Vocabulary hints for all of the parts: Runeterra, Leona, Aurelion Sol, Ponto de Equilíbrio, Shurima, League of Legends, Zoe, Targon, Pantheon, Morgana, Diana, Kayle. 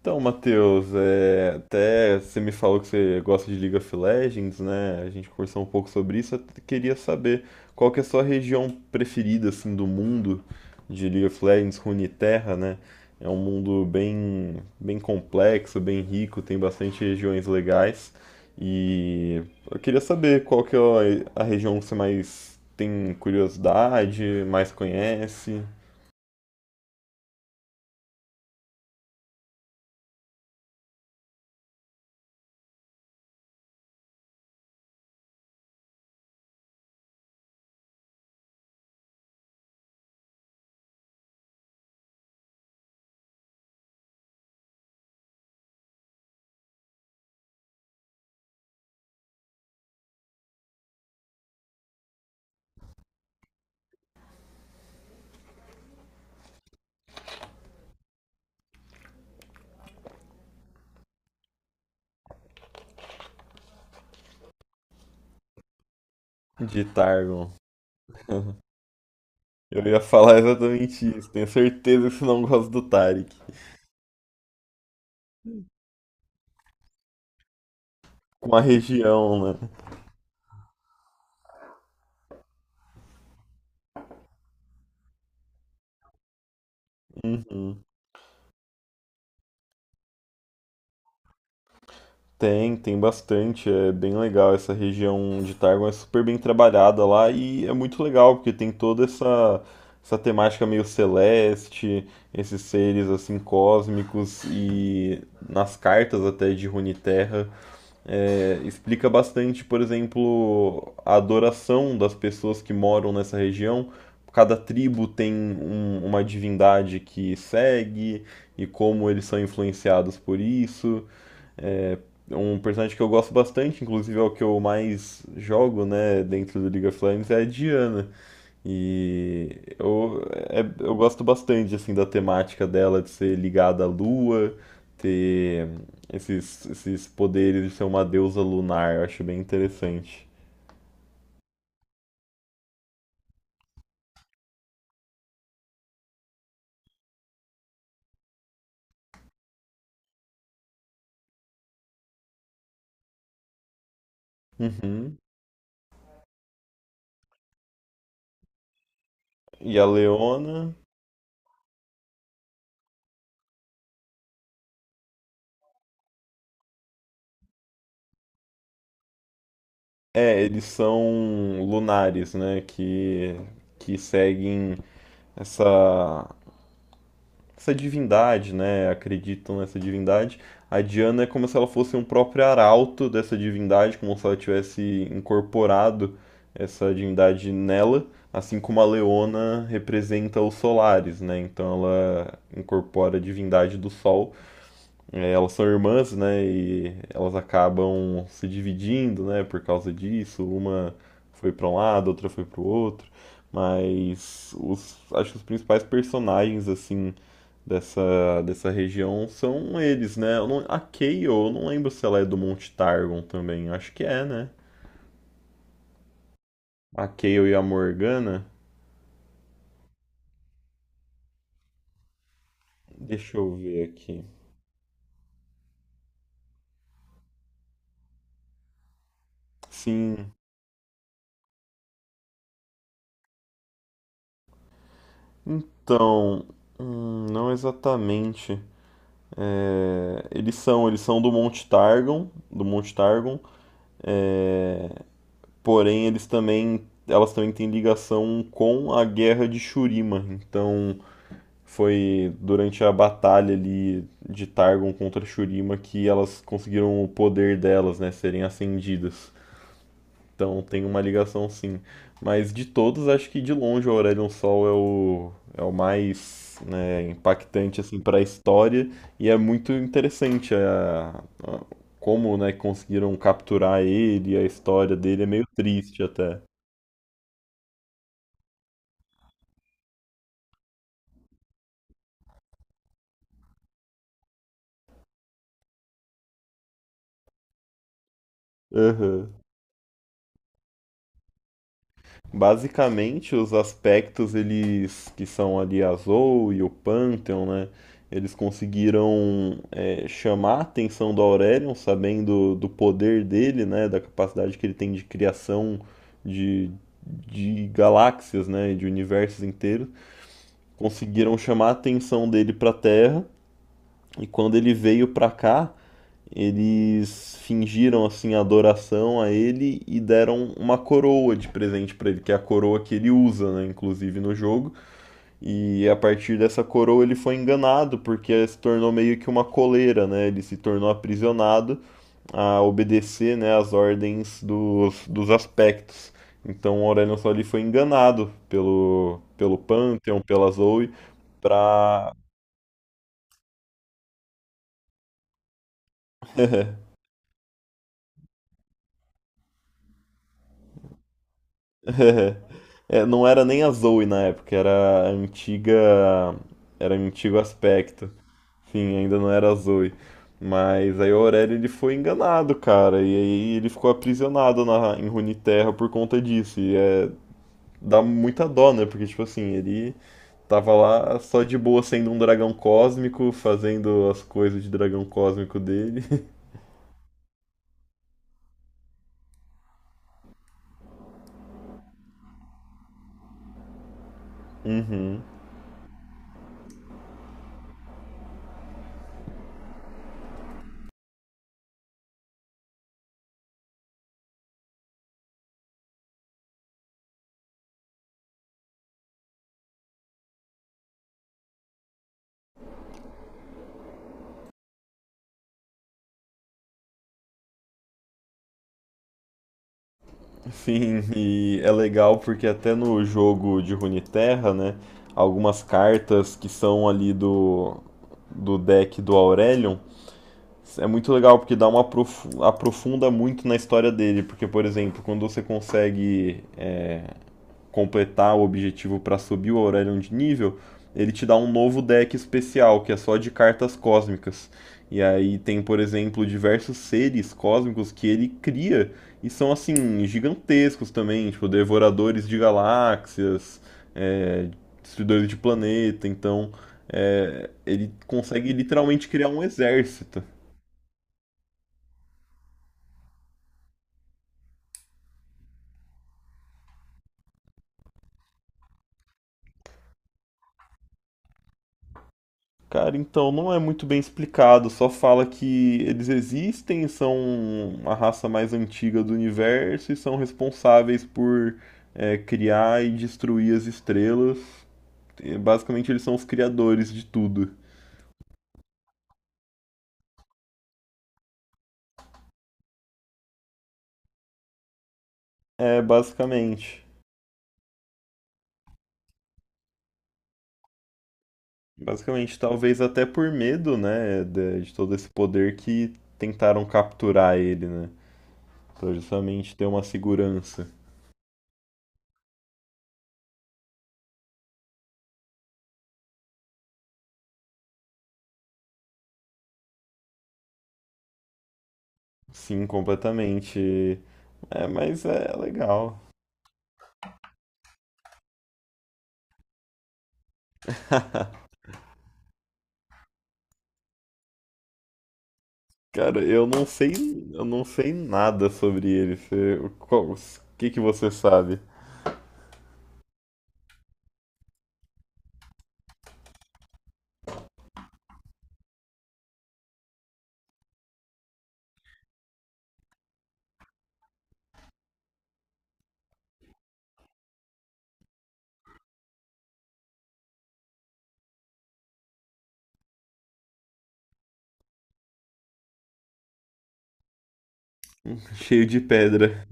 Então, Matheus, até você me falou que você gosta de League of Legends, né? A gente conversou um pouco sobre isso. Eu queria saber qual que é a sua região preferida, assim, do mundo de League of Legends, Runeterra, né? É um mundo bem complexo, bem rico, tem bastante regiões legais. E eu queria saber qual que é a região que você mais tem curiosidade, mais conhece de Targon. Eu ia falar exatamente isso. Tenho certeza que você não gosta do Tarek. Com a região, né? Uhum. Tem, tem bastante. É bem legal essa região de Targon. É super bem trabalhada lá e é muito legal porque tem toda essa temática meio celeste, esses seres assim cósmicos e nas cartas até de Runeterra explica bastante, por exemplo, a adoração das pessoas que moram nessa região. Cada tribo tem uma divindade que segue e como eles são influenciados por isso. Um personagem que eu gosto bastante, inclusive é o que eu mais jogo, né, dentro do League of Legends, é a Diana. E eu, eu gosto bastante assim da temática dela de ser ligada à lua, ter esses poderes de ser uma deusa lunar, eu acho bem interessante. Uhum. E a Leona, é, eles são lunares, né, que seguem essa essa divindade, né? Acreditam nessa divindade. A Diana é como se ela fosse um próprio arauto dessa divindade, como se ela tivesse incorporado essa divindade nela, assim como a Leona representa os solares, né? Então ela incorpora a divindade do sol. É, elas são irmãs, né? E elas acabam se dividindo, né? Por causa disso, uma foi para um lado, outra foi para o outro. Mas os, acho que os principais personagens assim dessa região são eles, né? Eu não- a Kayle, eu não lembro se ela é do Monte Targon também. Acho que é, né? A Kayle e a Morgana. Deixa eu ver aqui. Sim. Então, não exatamente. É, eles são do Monte Targon, porém elas também têm ligação com a Guerra de Shurima. Então, foi durante a batalha ali de Targon contra Shurima que elas conseguiram o poder delas, né, serem acendidas. Então tem uma ligação sim. Mas de todos, acho que de longe o Aurelion Sol é é o mais né, impactante assim para a história e é muito interessante como né, conseguiram capturar ele, a história dele é meio triste até. Aham. Basicamente, os aspectos eles que são ali a Zoe e o Pantheon, né? Eles conseguiram chamar a atenção do Aurelion, sabendo do poder dele, né? Da capacidade que ele tem de criação de, de galáxias, né? De universos inteiros. Conseguiram chamar a atenção dele para a Terra. E quando ele veio para cá, eles fingiram assim adoração a ele e deram uma coroa de presente para ele, que é a coroa que ele usa, né, inclusive no jogo. E a partir dessa coroa ele foi enganado porque se tornou meio que uma coleira, né? Ele se tornou aprisionado a obedecer, né, as ordens dos aspectos. Então o Aurelion Sol foi enganado pelo Pantheon, pela Zoe, para. É, não era nem a Zoe na época, era a antiga. Era um antigo aspecto. Sim, ainda não era a Zoe. Mas aí o Aurélio ele foi enganado, cara. E aí ele ficou aprisionado em Runeterra por conta disso. E é, dá muita dó, né? Porque, tipo assim, ele tava lá só de boa sendo um dragão cósmico, fazendo as coisas de dragão cósmico dele. Uhum. Sim, e é legal porque até no jogo de Runeterra, né, algumas cartas que são ali do deck do Aurelion, é muito legal porque dá uma aprofunda muito na história dele, porque, por exemplo, quando você consegue completar o objetivo para subir o Aurelion de nível, ele te dá um novo deck especial, que é só de cartas cósmicas. E aí tem, por exemplo, diversos seres cósmicos que ele cria e são assim, gigantescos também, tipo, devoradores de galáxias, é, destruidores de planeta, então é, ele consegue literalmente criar um exército. Cara, então não é muito bem explicado, só fala que eles existem, são a raça mais antiga do universo e são responsáveis por é, criar e destruir as estrelas. E, basicamente, eles são os criadores de tudo. É, basicamente. Basicamente, talvez até por medo, né, de todo esse poder que tentaram capturar ele, né? Pra justamente ter uma segurança. Sim, completamente. É, mas é legal. Cara, eu não sei nada sobre ele. Você, o que que você sabe? Cheio de pedra.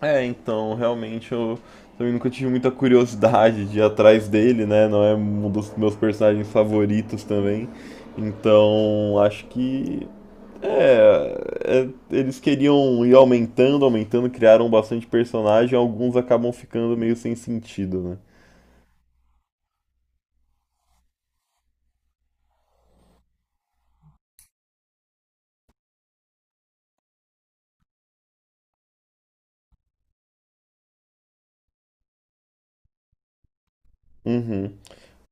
É, então, realmente eu também nunca tive muita curiosidade de ir atrás dele, né? Não é um dos meus personagens favoritos também. Então, acho que eles queriam ir aumentando, aumentando, criaram bastante personagem, alguns acabam ficando meio sem sentido, né? Uhum.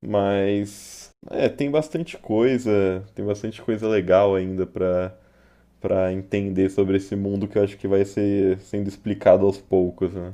Mas é, tem bastante coisa legal ainda pra para entender sobre esse mundo que eu acho que vai ser sendo explicado aos poucos, né?